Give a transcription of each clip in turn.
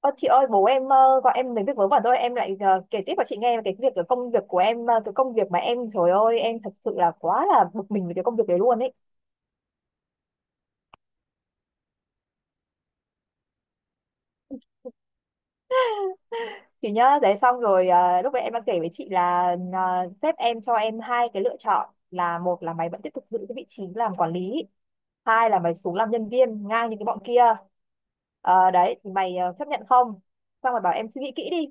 Ờ, chị ơi, bố em gọi em đến việc vớ vẩn thôi. Em lại kể tiếp cho chị nghe về cái việc, cái công việc của em, cái công việc mà em, trời ơi, em thật sự là quá là bực mình với cái công việc đấy luôn ấy chị nhá. Đấy, xong rồi lúc đấy em đang kể với chị là ờ, sếp em cho em hai cái lựa chọn, là một là mày vẫn tiếp tục giữ cái vị trí làm quản lý, hai là mày xuống làm nhân viên ngang như cái bọn kia. Đấy thì mày chấp nhận không? Xong rồi bảo em suy nghĩ kỹ đi.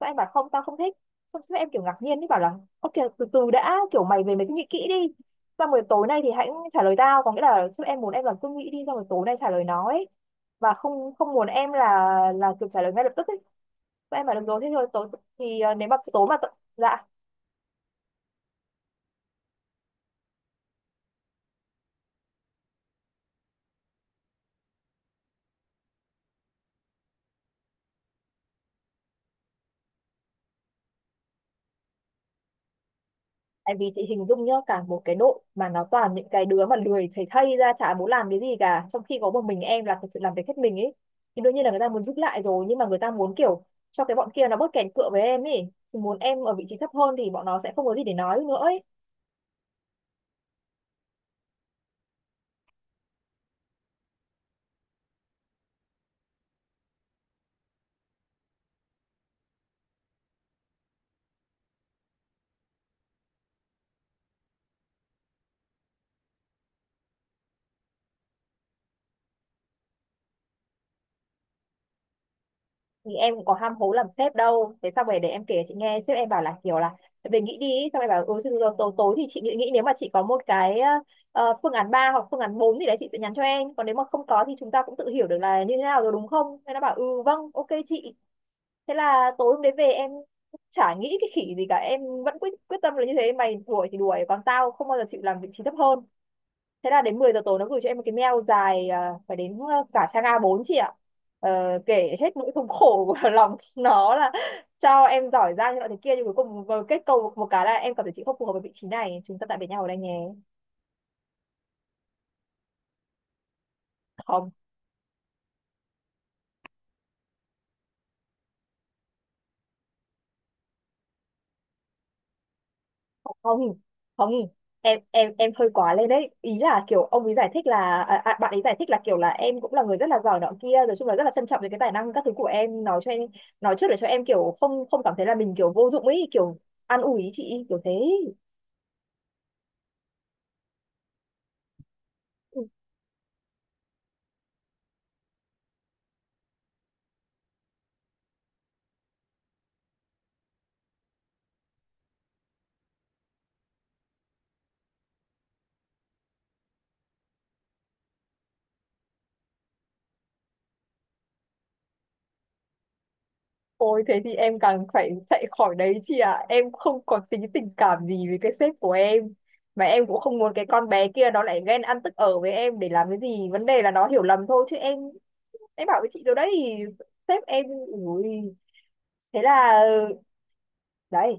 Sao em bảo không, tao không thích. Xong sao em kiểu ngạc nhiên ấy, bảo là ok, từ từ đã, kiểu mày về mày cứ nghĩ kỹ đi, xong rồi tối nay thì hãy trả lời tao. Có nghĩa là sếp em muốn em là cứ nghĩ đi, xong rồi tối nay trả lời nó ấy. Và không, không muốn em là kiểu trả lời ngay lập tức ấy. Sao em bảo được rồi, thế rồi tối thì à, nếu mà tối mà dạ. Tại vì chị hình dung nhá, cả một cái đội mà nó toàn những cái đứa mà lười chảy thây ra, chả muốn làm cái gì cả, trong khi có một mình em là thật sự làm việc hết mình ấy, thì đương nhiên là người ta muốn giúp lại rồi, nhưng mà người ta muốn kiểu cho cái bọn kia nó bớt kèn cựa với em ấy, thì muốn em ở vị trí thấp hơn thì bọn nó sẽ không có gì để nói nữa ấy. Thì em cũng có ham hố làm sếp đâu. Thế xong rồi để em kể chị nghe, sếp em bảo là kiểu là về nghĩ đi ý." Xong em bảo ừ, rồi, rồi, tối, tối thì chị nghĩ, nghĩ nếu mà chị có một cái phương án 3 hoặc phương án 4 thì đấy chị sẽ nhắn cho em, còn nếu mà không có thì chúng ta cũng tự hiểu được là như thế nào rồi đúng không. Thế nó bảo ừ, vâng, ok chị. Thế là tối hôm đấy về em chả nghĩ cái khỉ gì cả, em vẫn quyết quyết tâm là như thế, mày đuổi thì đuổi, còn tao không bao giờ chịu làm vị trí thấp hơn. Thế là đến 10 giờ tối nó gửi cho em một cái mail dài à, phải đến cả trang A4 chị ạ. Ờ, Kể hết nỗi thống khổ của lòng nó, là cho em giỏi giang như loại thế kia, nhưng cuối cùng vừa kết cầu một cái là em cảm thấy chị không phù hợp với vị trí này, chúng ta tạm biệt nhau ở đây nhé. Không, không, không, em hơi quá lên đấy. Ý là kiểu ông ấy giải thích là à, à, bạn ấy giải thích là kiểu là em cũng là người rất là giỏi nọ kia rồi, chung là rất là trân trọng về cái tài năng các thứ của em, nói cho em, nói trước để cho em kiểu không không cảm thấy là mình kiểu vô dụng ấy, kiểu an ủi chị kiểu thế. Ôi thế thì em càng phải chạy khỏi đấy chị ạ. Em không có tí tình cảm gì với cái sếp của em. Mà em cũng không muốn cái con bé kia nó lại ghen ăn tức ở với em để làm cái gì. Vấn đề là nó hiểu lầm thôi chứ em. Em bảo với chị rồi đấy. Sếp em ui. Thế là đấy.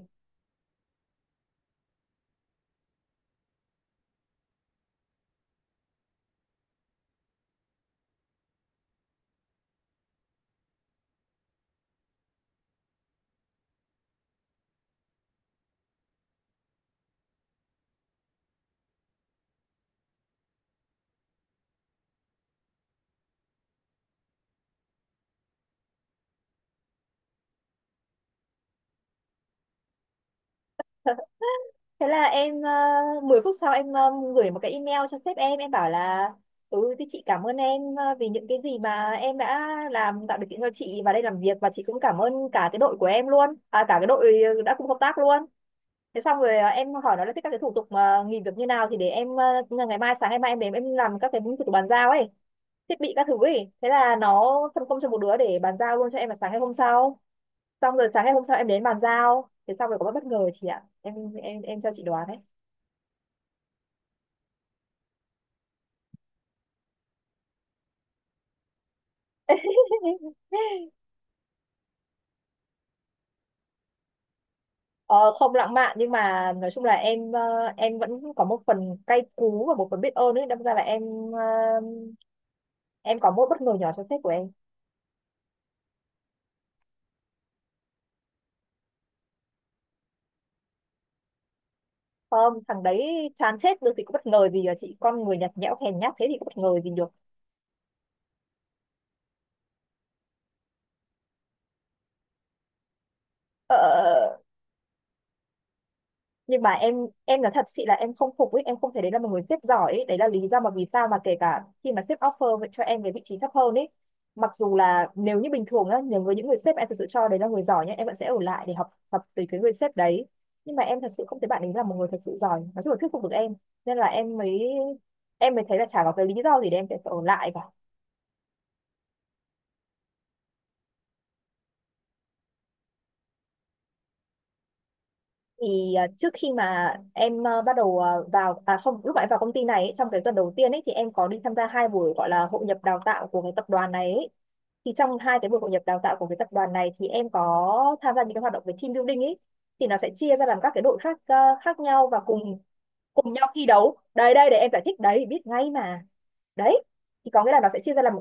Thế là em 10 phút sau em gửi một cái email cho sếp em bảo là ừ thì chị cảm ơn em vì những cái gì mà em đã làm, tạo điều kiện cho chị vào đây làm việc, và chị cũng cảm ơn cả cái đội của em luôn à, cả cái đội đã cùng hợp tác luôn. Thế xong rồi em hỏi nó là thích các cái thủ tục mà nghỉ việc như nào, thì để em ngày mai, sáng ngày mai em đến em làm các cái thủ tục bàn giao ấy, thiết bị các thứ ấy. Thế là nó phân công cho một đứa để bàn giao luôn cho em vào sáng ngày hôm sau. Xong rồi sáng ngày hôm sau em đến bàn giao, thế xong rồi có bất bất ngờ chị ạ. Em em cho chị đoán đấy. Ờ, không lãng mạn, nhưng mà nói chung là em, em vẫn có một phần cay cú và một phần biết ơn ấy, đâm ra là em ờ, em có một bất ngờ nhỏ cho sách của em. Không, thằng đấy chán chết được thì có bất ngờ gì à chị, con người nhạt nhẽo hèn nhát thế thì có bất ngờ gì được. ờ ờ, ờ, ờ. Nhưng mà em nói thật chị là em không phục ấy, em không thấy đấy là một người sếp giỏi ấy. Đấy là lý do mà vì sao mà kể cả khi mà sếp offer vậy cho em cái vị trí thấp hơn ấy, mặc dù là nếu như bình thường nhá, nếu với những người sếp em thực sự cho đấy là người giỏi nhá, em vẫn sẽ ở lại để học tập từ cái người sếp đấy. Nhưng mà em thật sự không thấy bạn ấy là một người thật sự giỏi, nói chung là thuyết phục được em, nên là em mới, em mới thấy là chả có cái lý do gì để em sẽ phải ở lại cả. Thì à, trước khi mà em à, bắt đầu à, vào à không, lúc mà em vào công ty này ấy, trong cái tuần đầu tiên ấy, thì em có đi tham gia hai buổi gọi là hội nhập đào tạo của cái tập đoàn này ấy. Thì trong hai cái buổi hội nhập đào tạo của cái tập đoàn này, thì em có tham gia những cái hoạt động về team building ấy. Thì nó sẽ chia ra làm các cái đội khác à, khác nhau và cùng cùng nhau thi đấu. Đây đây để em giải thích, đấy biết ngay mà. Đấy, thì có nghĩa là nó sẽ chia ra làm,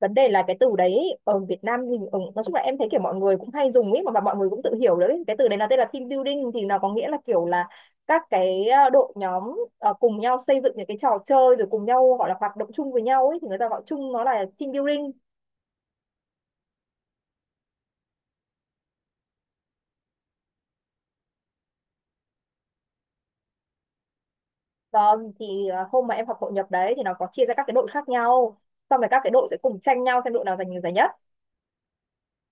vấn đề là cái từ đấy ở Việt Nam thì ở, nói chung là em thấy kiểu mọi người cũng hay dùng ấy mà, mọi người cũng tự hiểu đấy, cái từ đấy là tên là team building, thì nó có nghĩa là kiểu là các cái đội nhóm cùng nhau xây dựng những cái trò chơi rồi cùng nhau, gọi là hoạt động chung với nhau ấy, thì người ta gọi chung nó là team building. Vâng, thì hôm mà em học hội nhập đấy thì nó có chia ra các cái đội khác nhau, xong rồi các cái đội sẽ cùng tranh nhau xem đội nào giành được giải nhất.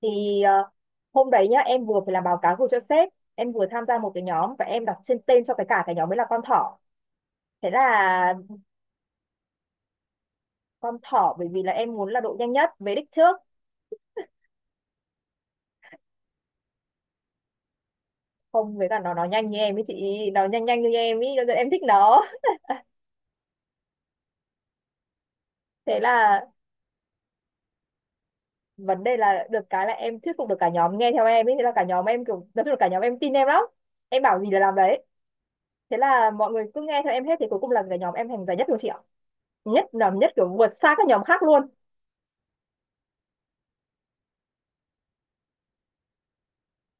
Thì hôm đấy nhá, em vừa phải làm báo cáo gửi cho sếp, em vừa tham gia một cái nhóm và em đặt trên tên cho cái cả cái nhóm ấy là con thỏ. Thế là con thỏ bởi vì là em muốn là độ nhanh nhất về đích trước. Không, với cả nó nhanh như em ấy chị, nó nhanh nhanh như em ấy cho nên em thích nó. Thế là vấn đề là được cái là em thuyết phục được cả nhóm nghe theo em ấy, thế là cả nhóm em kiểu, nói chung là cả nhóm em tin em lắm, em bảo gì là làm đấy. Thế là mọi người cứ nghe theo em hết, thì cuối cùng là cả nhóm em thành giải nhất luôn chị ạ. Nhất là nhất kiểu vượt xa các nhóm khác luôn.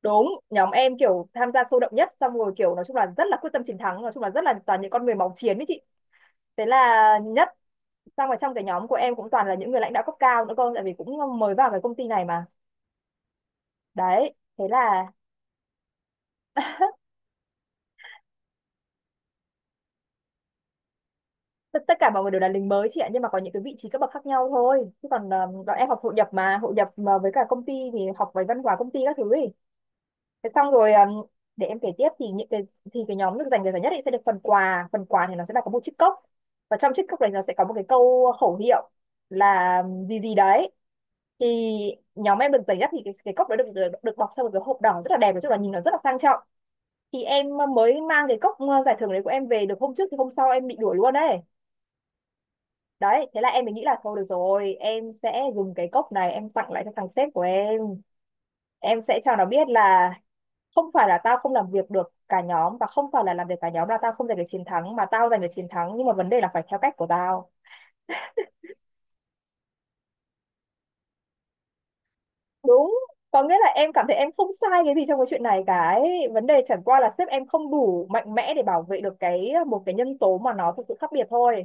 Đúng, nhóm em kiểu tham gia sôi động nhất, xong rồi kiểu nói chung là rất là quyết tâm chiến thắng, nói chung là rất là toàn những con người máu chiến ấy chị. Thế là nhất. Xong rồi trong cái nhóm của em cũng toàn là những người lãnh đạo cấp cao nữa cơ, tại vì cũng mới vào cái công ty này mà. Đấy thế là tất tất cả mọi người đều là lính mới chị ạ, nhưng mà có những cái vị trí cấp bậc khác nhau thôi, chứ còn bọn em học hội nhập mà, hội nhập mà với cả công ty thì học về văn hóa công ty các thứ ý. Thế xong rồi để em kể tiếp, thì những cái, thì cái nhóm được giành được giải nhất ấy sẽ được phần quà. Phần quà thì nó sẽ là có một chiếc cốc, và trong chiếc cốc này nó sẽ có một cái câu khẩu hiệu là gì gì đấy. Thì nhóm em được giải nhất thì cái cốc đó được, được được bọc trong một cái hộp đỏ rất là đẹp, nói chung là nhìn nó rất là sang trọng. Thì em mới mang cái cốc giải thưởng đấy của em về được hôm trước thì hôm sau em bị đuổi luôn đấy. Đấy, thế là em mới nghĩ là thôi được rồi, em sẽ dùng cái cốc này em tặng lại cho thằng sếp của em. Em sẽ cho nó biết là không phải là tao không làm việc được cả nhóm, và không phải là làm việc cả nhóm là tao không giành được chiến thắng, mà tao giành được chiến thắng nhưng mà vấn đề là phải theo cách của tao. Đúng, có nghĩa là em cảm thấy em không sai cái gì trong cái chuyện này cả ấy. Vấn đề chẳng qua là sếp em không đủ mạnh mẽ để bảo vệ được cái một cái nhân tố mà nó thực sự khác biệt thôi.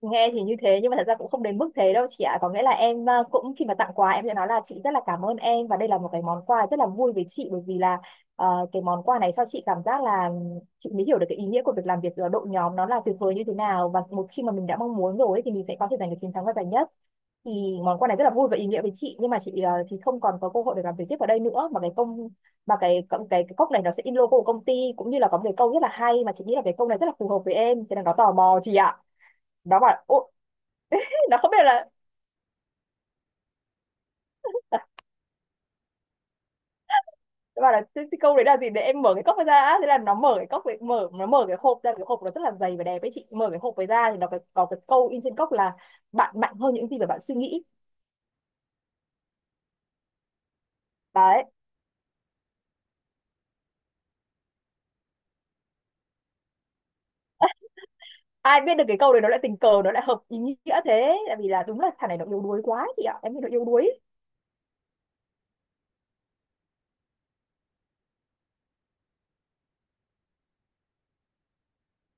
Nghe thì như thế nhưng mà thật ra cũng không đến mức thế đâu chị ạ, có nghĩa là em cũng khi mà tặng quà em sẽ nói là chị rất là cảm ơn em và đây là một cái món quà rất là vui với chị, bởi vì là cái món quà này cho chị cảm giác là chị mới hiểu được cái ý nghĩa của việc làm việc ở đội nhóm nó là tuyệt vời như thế nào, và một khi mà mình đã mong muốn rồi ấy, thì mình sẽ có thể giành được chiến thắng và giải nhất. Thì món quà này rất là vui và ý nghĩa với chị, nhưng mà chị thì không còn có cơ hội để làm việc tiếp ở đây nữa, mà cái cốc này nó sẽ in logo của công ty, cũng như là có một cái câu rất là hay mà chị nghĩ là cái câu này rất là phù hợp với em. Thế là nó tò mò chị ạ, nó bảo "Ô," nó không biết là, à, nó bảo là câu đấy là gì để em mở cái cốc ra á. Thế là nó mở cái hộp ra, cái hộp nó rất là dày và đẹp ấy chị, mở cái hộp ấy ra thì nó có cái câu in trên cốc là "Bạn mạnh hơn những gì mà bạn suy nghĩ." Đấy, ai biết được cái câu đấy nó lại tình cờ nó lại hợp ý nghĩa. Thế tại vì là đúng là thằng này nó yếu đuối quá chị ạ, em nghĩ nó yếu đuối.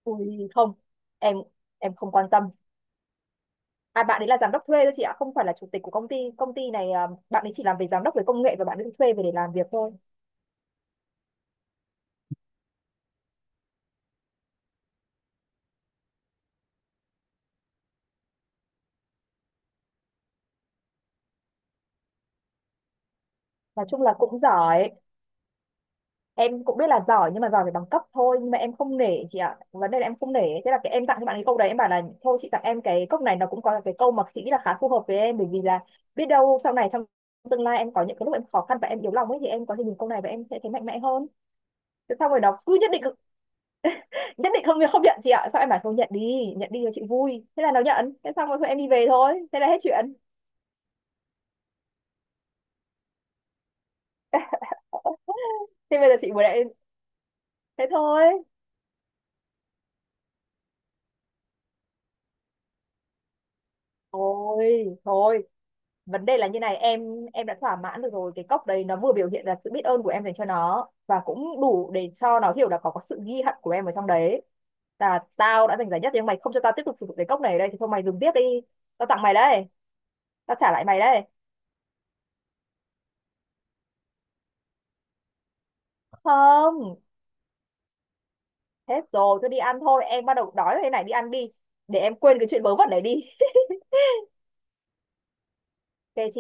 Ui không, em em không quan tâm. À, bạn ấy là giám đốc thuê thôi chị ạ, không phải là chủ tịch của công ty, công ty này à, bạn ấy chỉ làm về giám đốc về công nghệ và bạn ấy thuê về để làm việc thôi. Nói chung là cũng giỏi, em cũng biết là giỏi nhưng mà giỏi về bằng cấp thôi, nhưng mà em không nể chị ạ, vấn đề là em không nể. Thế là cái em tặng cho bạn cái câu đấy, em bảo là thôi chị tặng em cái cốc này, nó cũng có cái câu mà chị nghĩ là khá phù hợp với em, bởi vì là biết đâu sau này trong tương lai em có những cái lúc em khó khăn và em yếu lòng ấy, thì em có thể nhìn câu này và em sẽ thấy mạnh mẽ hơn. Thế sau rồi nó cứ nhất định nhất định không không nhận chị ạ, sao em bảo không, nhận đi, nhận đi cho chị vui, thế là nó nhận. Thế xong rồi thôi em đi về thôi, thế là hết chuyện. Thế bây giờ chị muốn em thế thôi, thôi thôi. Vấn đề là như này em đã thỏa mãn được rồi, cái cốc đấy nó vừa biểu hiện là sự biết ơn của em dành cho nó và cũng đủ để cho nó hiểu là có sự ghi hận của em ở trong đấy. Là tao đã giành giải nhất nhưng mày không cho tao tiếp tục sử dụng cái cốc này ở đây thì thôi, mày dùng tiếp đi, tao tặng mày đấy, tao trả lại mày đấy. Không, hết rồi, tôi đi ăn thôi, em bắt đầu đói rồi đây này, đi ăn đi, để em quên cái chuyện vớ vẩn này đi. Ok chị.